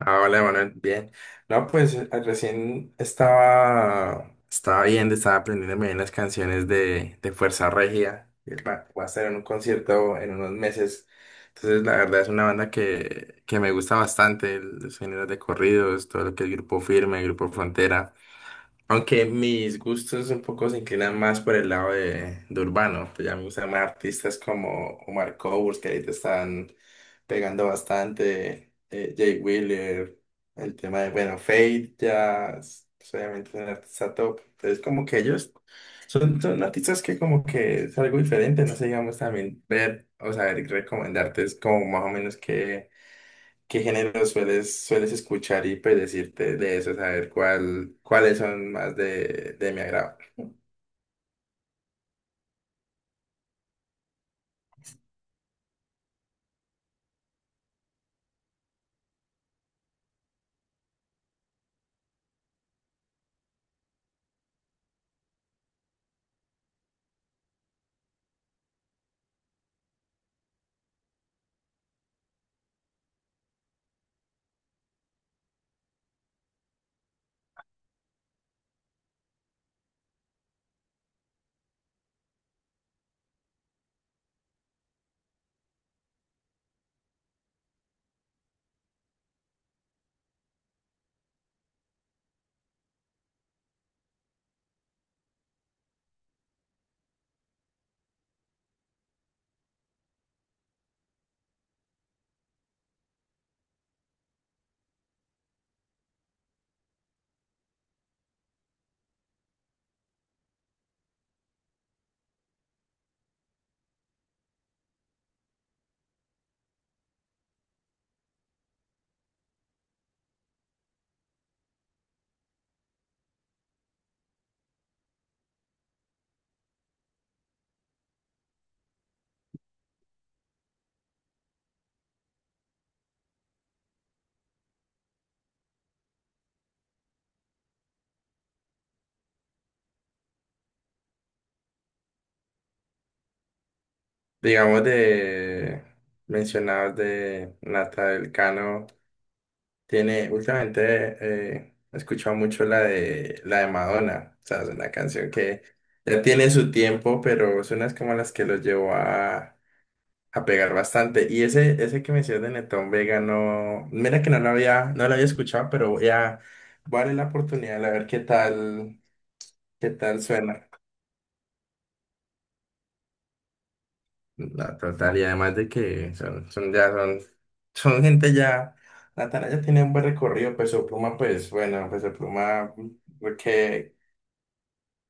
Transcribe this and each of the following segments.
Ah, hola, Manuel. Bien. No, pues recién estaba viendo, estaba aprendiéndome bien las canciones de Fuerza Regida. Que Va va a estar en un concierto en unos meses. Entonces, la verdad es una banda que me gusta bastante, los géneros de corridos, todo lo que es Grupo Firme, Grupo Frontera. Aunque mis gustos un poco se inclinan más por el lado de urbano, pues ya me gustan más artistas como Omar Courtz, que ahorita están pegando bastante, Jay Wheeler, el tema de, bueno, Fate pues, obviamente es un artista top, entonces como que ellos son artistas que como que es algo diferente, no sé, digamos también ver, o saber recomendarte es como más o menos. ¿Qué género sueles escuchar y pues decirte de eso, saber cuáles son más de mi agrado? Digamos de mencionados de Nata del Cano, tiene últimamente he escuchado mucho la de Madonna, o sea, es una canción que ya tiene su tiempo, pero es unas como las que lo llevó a pegar bastante. Y ese que mencionas de Netón Vega, no, mira que no lo había escuchado, pero voy a darle la oportunidad a ver qué tal suena. La total, y además de que son gente ya, Natana ya tiene un buen recorrido, Peso Pluma, pues bueno, Peso Pluma, porque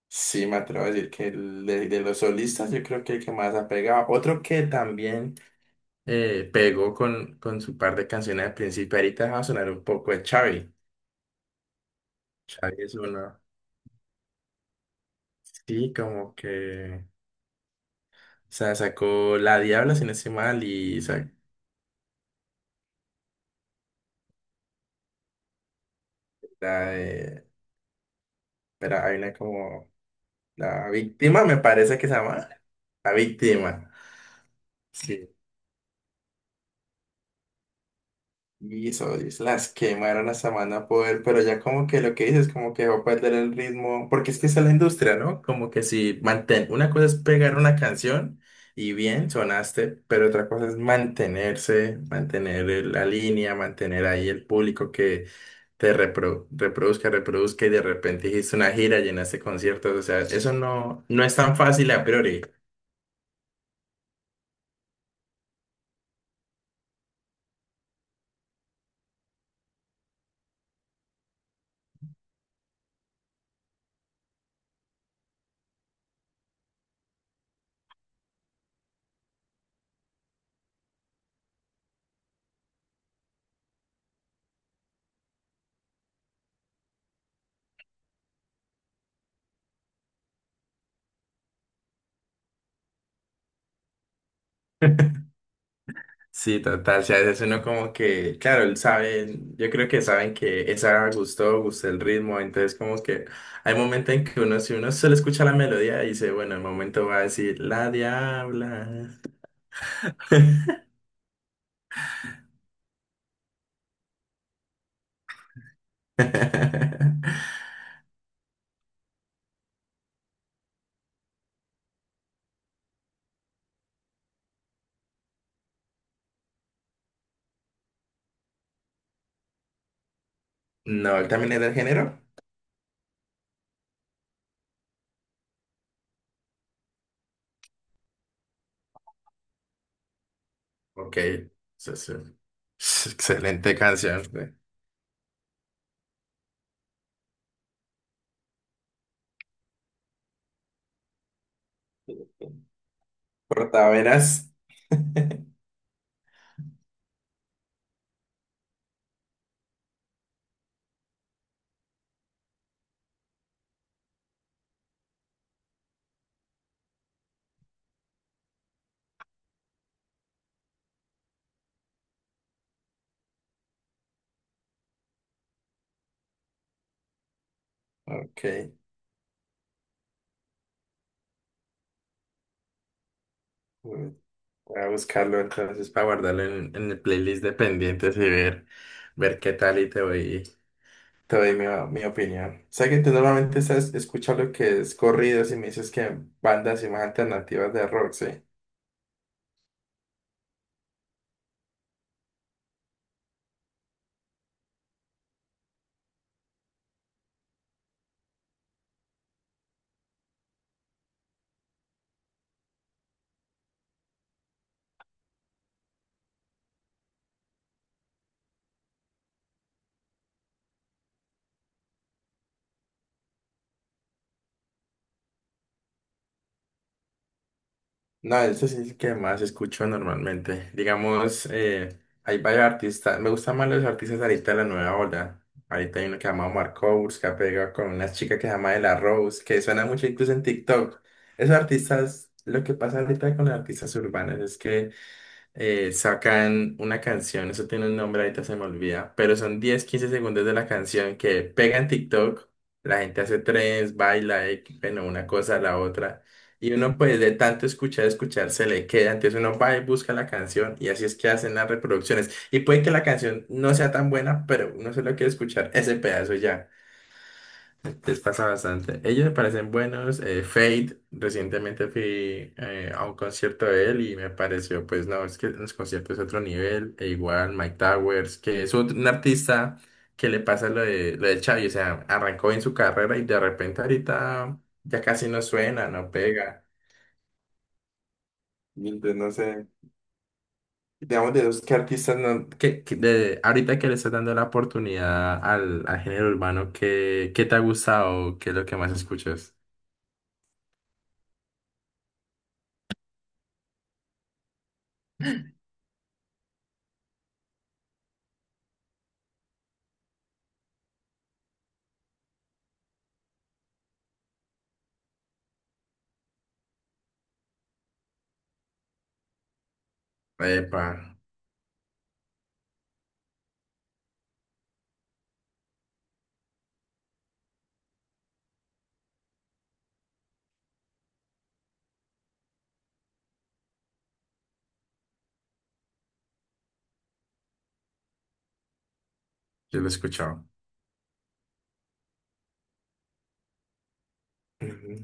sí me atrevo a decir que el de los solistas yo creo que el que más ha pegado. Otro que también pegó con su par de canciones al principio. Ahorita va a sonar un poco de Xavi. Xavi es uno. Sí, como que. O sea, sacó La Diabla, si no estoy mal, y sacó la de. Pero hay una como. La Víctima, me parece que se llama. La Víctima. Sí. Y Solis las quemaron a Samana Poder, pero ya como que lo que dices, como que va a perder el ritmo, porque es que esa es la industria, ¿no? Como que si mantén, una cosa es pegar una canción y bien, sonaste, pero otra cosa es mantenerse, mantener la línea, mantener ahí el público que reproduzca, reproduzca y de repente hiciste una gira, llenaste conciertos, o sea, eso no es tan fácil a priori. Sí, total, si a veces uno como que, claro, él sabe, yo creo que saben que esa gustó, gustó el ritmo, entonces como que hay momentos en que uno, si uno solo escucha la melodía, dice, bueno, el momento va a decir, la diabla. No, él también es del género. Ok, sí, sí. Excelente canción, güey. Portaveras. Ok. Voy a buscarlo entonces para guardarlo en el playlist de pendientes y ver, ver qué tal y te voy. Te doy mi opinión. Sé que tú normalmente estás escuchando lo que es corridos y me dices que bandas y más alternativas de rock, ¿sí? No, eso sí es el que más escucho normalmente. Digamos, hay varios artistas. Me gustan más los artistas ahorita de la nueva ola. Ahorita hay uno que se llama Omar Courtz, que ha pegado con una chica que se llama De La Rose, que suena mucho incluso en TikTok. Esos artistas, lo que pasa ahorita con los artistas urbanos es que sacan una canción, eso tiene un nombre, ahorita se me olvida, pero son 10, 15 segundos de la canción que pega en TikTok, la gente hace trends, baila, bueno, una cosa a la otra, y uno pues de tanto escuchar, escuchar, se le queda, entonces uno va y busca la canción, y así es que hacen las reproducciones, y puede que la canción no sea tan buena, pero uno solo quiere escuchar ese pedazo ya. Les pasa bastante. Ellos me parecen buenos. Fade, recientemente fui a un concierto de él y me pareció, pues no, es que en los conciertos es otro nivel. E igual Mike Towers, que es un artista que le pasa lo lo de Xavi, o sea, arrancó bien su carrera y de repente ahorita ya casi no suena, no pega. Y entonces no sé, digamos de los que artistas no, ahorita que le estás dando la oportunidad al género urbano, ¿qué, qué te ha gustado? ¿Qué es lo que más escuchas? Epa. Yo lo he escuchado. Ujú.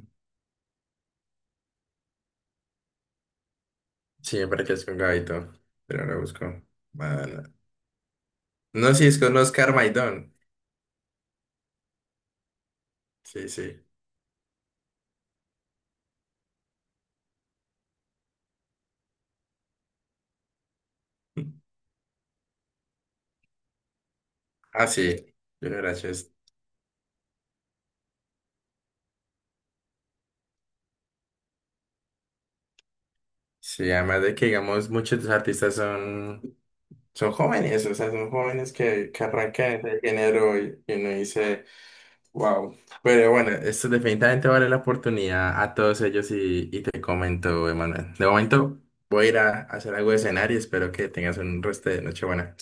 Siempre que es con Gabito. Pero ahora busco. Ah, no. No, sí, es con Oscar Maidón. Sí, sí. Ah, sí. Junior H es. Sí, además de que, digamos, muchos de los artistas son, son jóvenes, o sea, son jóvenes que arrancan en ese género y uno dice, wow. Pero bueno, esto definitivamente vale la oportunidad a todos ellos y te comento, Emanuel. De momento voy a ir a hacer algo de cenar y espero que tengas un resto de noche buena.